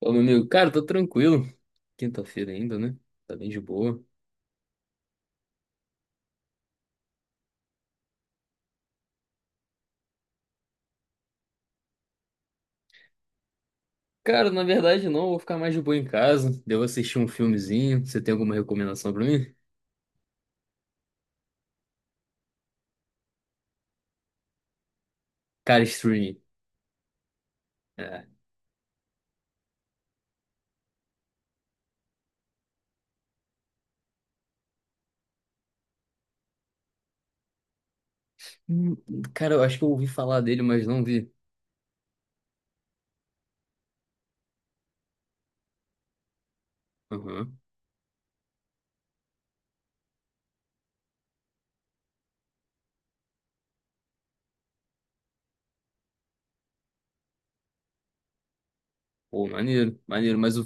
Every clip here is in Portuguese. Ô, meu amigo, cara, tô tranquilo. Quinta-feira ainda, né? Tá bem de boa. Cara, na verdade não, vou ficar mais de boa em casa. Devo assistir um filmezinho. Você tem alguma recomendação pra mim? Cara, streaming. É. Hum, cara, eu acho que eu ouvi falar dele, mas não vi. Aham. Pô, maneiro, maneiro, mas o.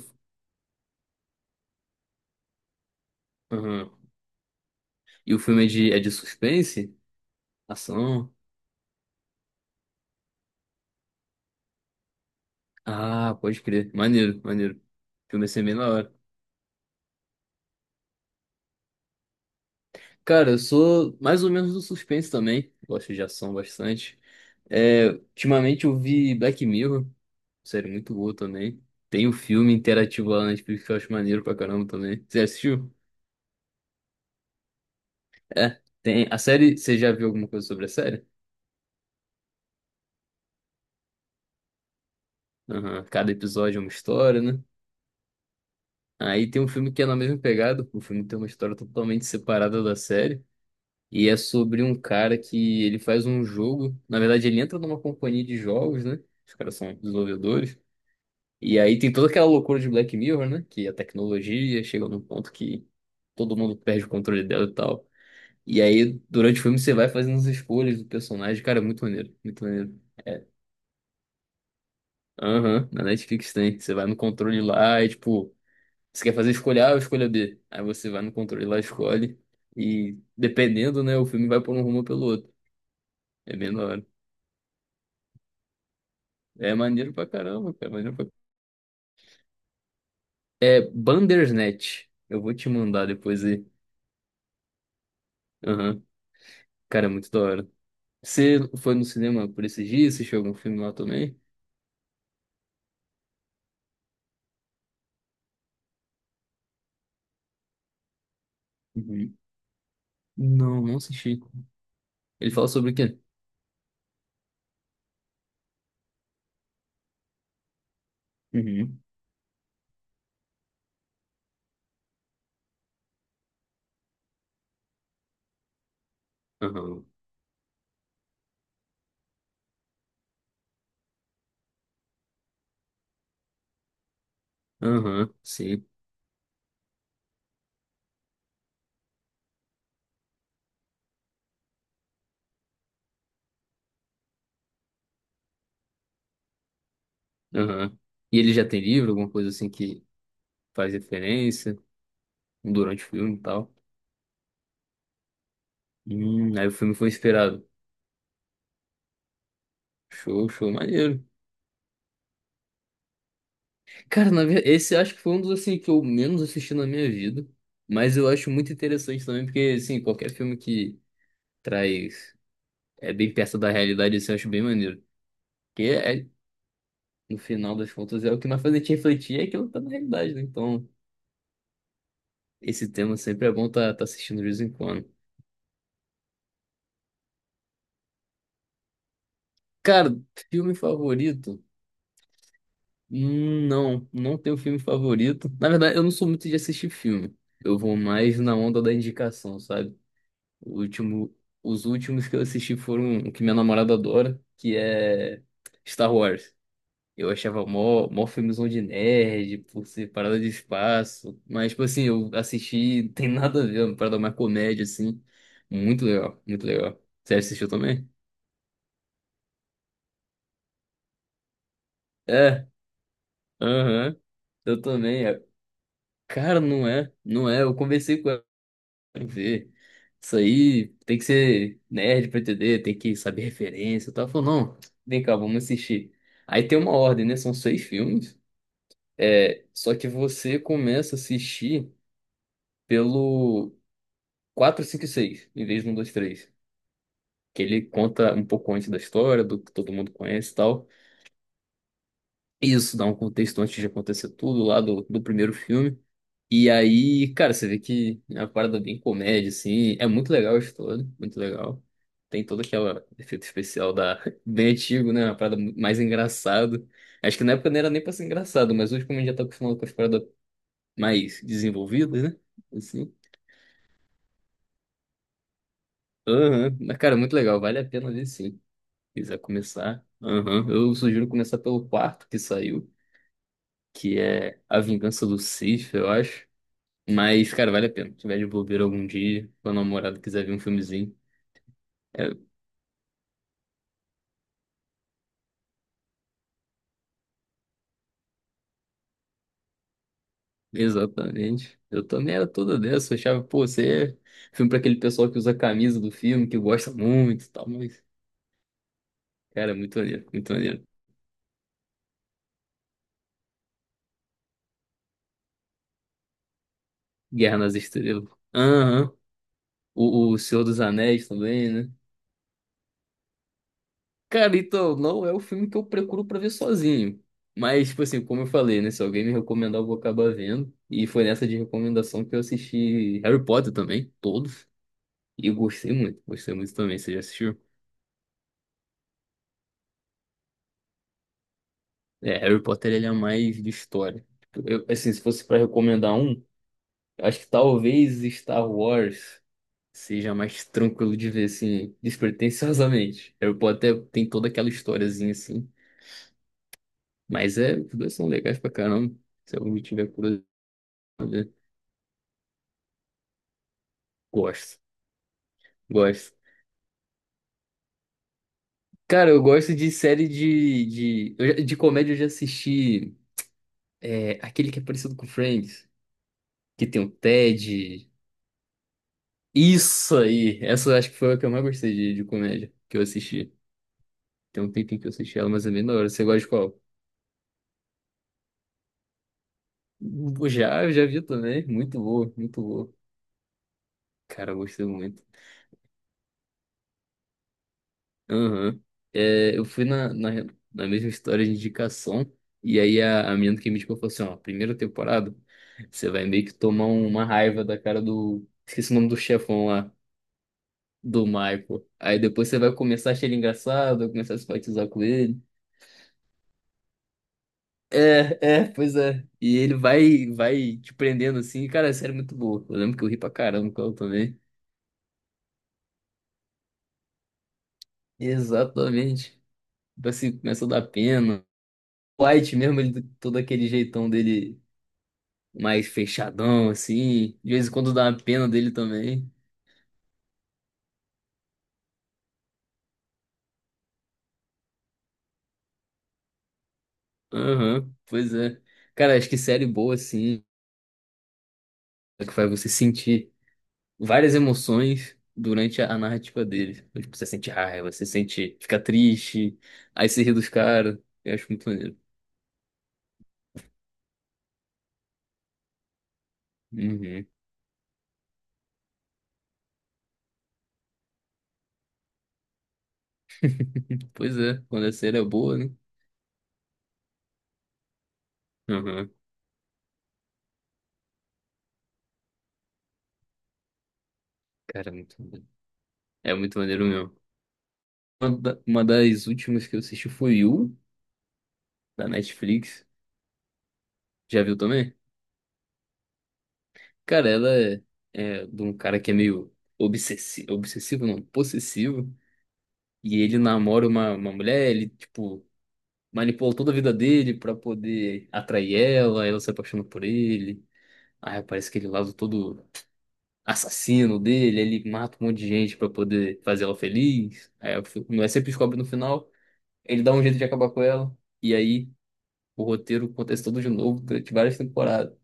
Aham. E o filme é de suspense? Ação? Ah, pode crer. Maneiro, maneiro. O filme assim, é ser bem na hora. Cara, eu sou mais ou menos do suspense também. Gosto de ação bastante. É, ultimamente eu vi Black Mirror, série muito boa também. Tem o filme interativo lá na Netflix que eu acho maneiro pra caramba também. Você assistiu? É, tem. A série, você já viu alguma coisa sobre a série? Aham, cada episódio é uma história, né? Aí tem um filme que é na mesma pegada. O filme tem uma história totalmente separada da série. E é sobre um cara que ele faz um jogo. Na verdade, ele entra numa companhia de jogos, né? Os caras são desenvolvedores. E aí tem toda aquela loucura de Black Mirror, né? Que a tecnologia chega num ponto que todo mundo perde o controle dela e tal. E aí, durante o filme, você vai fazendo as escolhas do personagem. Cara, é muito maneiro, muito maneiro. É. Aham, na Netflix tem. Você vai no controle lá e, tipo, você quer fazer escolha A ou escolha B? Aí você vai no controle lá, e escolhe. E dependendo, né, o filme vai por um rumo ou pelo outro. É bem da hora. É maneiro pra caramba, cara. É maneiro pra... É Bandersnatch. Eu vou te mandar depois aí. Aham. Cara, é muito da hora. Você foi no cinema por esses dias? Assistiu algum filme lá também? Uhum. Não, não assisti. Ele fala sobre o quê? Uhum. Aham. Aham, sim. Aham. E ele já tem livro, alguma coisa assim que faz referência durante o filme e tal. Aí o filme foi inspirado. Show, show, maneiro. Cara, na verdade, esse acho que foi um dos assim que eu menos assisti na minha vida. Mas eu acho muito interessante também, porque assim, qualquer filme que traz é bem perto da realidade, assim, eu acho bem maneiro. Porque é, no final das contas, é o que mais faz a gente refletir, é que ela tá na realidade, né? Então, esse tema sempre é bom tá, tá assistindo de vez em quando. Cara, filme favorito? Não, não tenho filme favorito. Na verdade, eu não sou muito de assistir filme. Eu vou mais na onda da indicação, sabe? O último, os últimos que eu assisti foram o que minha namorada adora, que é Star Wars. Eu achava mó, mó filmezão de nerd, por ser parada de espaço. Mas, tipo assim, eu assisti, não tem nada a ver, é uma parada mais comédia, assim. Muito legal, muito legal. Você assistiu também? É, aham. Eu também. É. Cara, não é, não é. Eu conversei com ela pra ver. Isso aí tem que ser nerd pra entender, tem que saber referência e tal. Ela falou, não, vem cá, vamos assistir. Aí tem uma ordem, né? São seis filmes. É, só que você começa a assistir pelo. Quatro 5 e 6, em vez de um 2 três. Que ele conta um pouco antes da história, do que todo mundo conhece e tal. Isso dá um contexto antes de acontecer tudo lá do primeiro filme. E aí, cara, você vê que é uma parada bem comédia, assim. É muito legal a história, muito legal. Tem todo aquele efeito especial da... bem antigo, né? Uma parada mais engraçado. Acho que na época não era nem pra ser engraçado, mas hoje, como a gente já tá acostumado com as paradas mais desenvolvidas, né? Assim. Aham. Mas, cara, muito legal. Vale a pena ver, sim. Quiser começar. Aham. Eu sugiro começar pelo quarto que saiu, que é A Vingança do Sith, eu acho. Mas, cara, vale a pena. Se tiver de bobeira algum dia, quando a namorada quiser ver um filmezinho. É, exatamente. Eu também era toda dessa. Eu achava, pô, você é filme pra aquele pessoal que usa a camisa do filme, que gosta muito e tal. Mas, cara, é muito maneiro, muito maneiro. Guerra nas Estrelas. Aham. O Senhor dos Anéis também, né? Cara, então, não é o filme que eu procuro pra ver sozinho. Mas, tipo assim, como eu falei, né? Se alguém me recomendar, eu vou acabar vendo. E foi nessa de recomendação que eu assisti Harry Potter também, todos. E eu gostei muito também. Você já assistiu? É, Harry Potter, ele é mais de história. Tipo, eu, assim, se fosse pra recomendar um, acho que talvez Star Wars seja mais tranquilo de ver, assim, despretensiosamente. Harry Potter tem toda aquela historiazinha, assim. Mas é, os dois são legais pra caramba. Se alguém tiver curiosidade. Gosto, gosto. Cara, eu gosto de série eu já- de comédia. Eu já assisti aquele que é parecido com Friends, que tem o Ted. Isso aí! Essa eu acho que foi a que eu mais gostei de comédia que eu assisti. Tem um tempinho que eu assisti ela, mas é bem da hora. Você gosta de qual? Eu já vi também. Muito boa, muito boa. Cara, eu gostei muito. Aham. É, eu fui na mesma história de indicação, e aí a menina que me indicou falou assim, ó, primeira temporada, você vai meio que tomar uma raiva da cara do... Esqueci o nome do chefão lá, do Michael. Aí depois você vai começar a achar ele engraçado, vai começar a simpatizar com ele. Pois é. E ele vai te prendendo assim, cara, é sério, muito boa. Eu lembro que eu ri pra caramba com ela também. Exatamente. Tipo assim, começa a dar pena. White mesmo, ele todo aquele jeitão dele mais fechadão, assim. De vez em quando dá uma pena dele também. Aham, pois é. Cara, acho que série boa, assim, é que faz você sentir várias emoções durante a narrativa dele. Tipo, você sente raiva, você sente, fica triste, aí você ri dos caras. Eu acho muito maneiro. Uhum. Pois é, quando a série é boa, né? Aham. Cara, é muito maneiro. É muito maneiro mesmo. Uma das últimas que eu assisti foi You, da Netflix. Já viu também? Cara, ela é de um cara que é meio obsessivo, obsessivo não, possessivo, e ele namora uma mulher, ele, tipo, manipulou toda a vida dele pra poder atrair ela, ela se apaixona por ele, aí parece que ele lado todo assassino dele, ele mata um monte de gente pra poder fazer ela feliz, aí a fi- mulher sempre descobre no final, ele dá um jeito de acabar com ela, e aí o roteiro acontece todo de novo durante várias temporadas.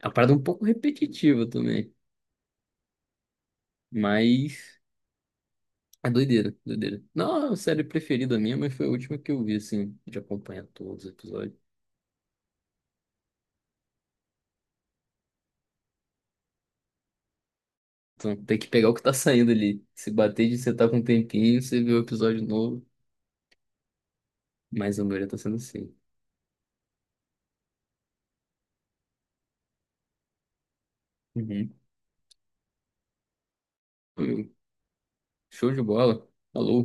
É uma parada um pouco repetitiva também, mas... É doideira, doideira. Não, a série preferida minha, mas foi a última que eu vi, assim, de acompanhar todos os episódios. Então tem que pegar o que tá saindo ali. Se bater de sentar com um tempinho, você vê o episódio novo. Mas a maioria tá sendo assim. Uhum. Show de bola. Alô.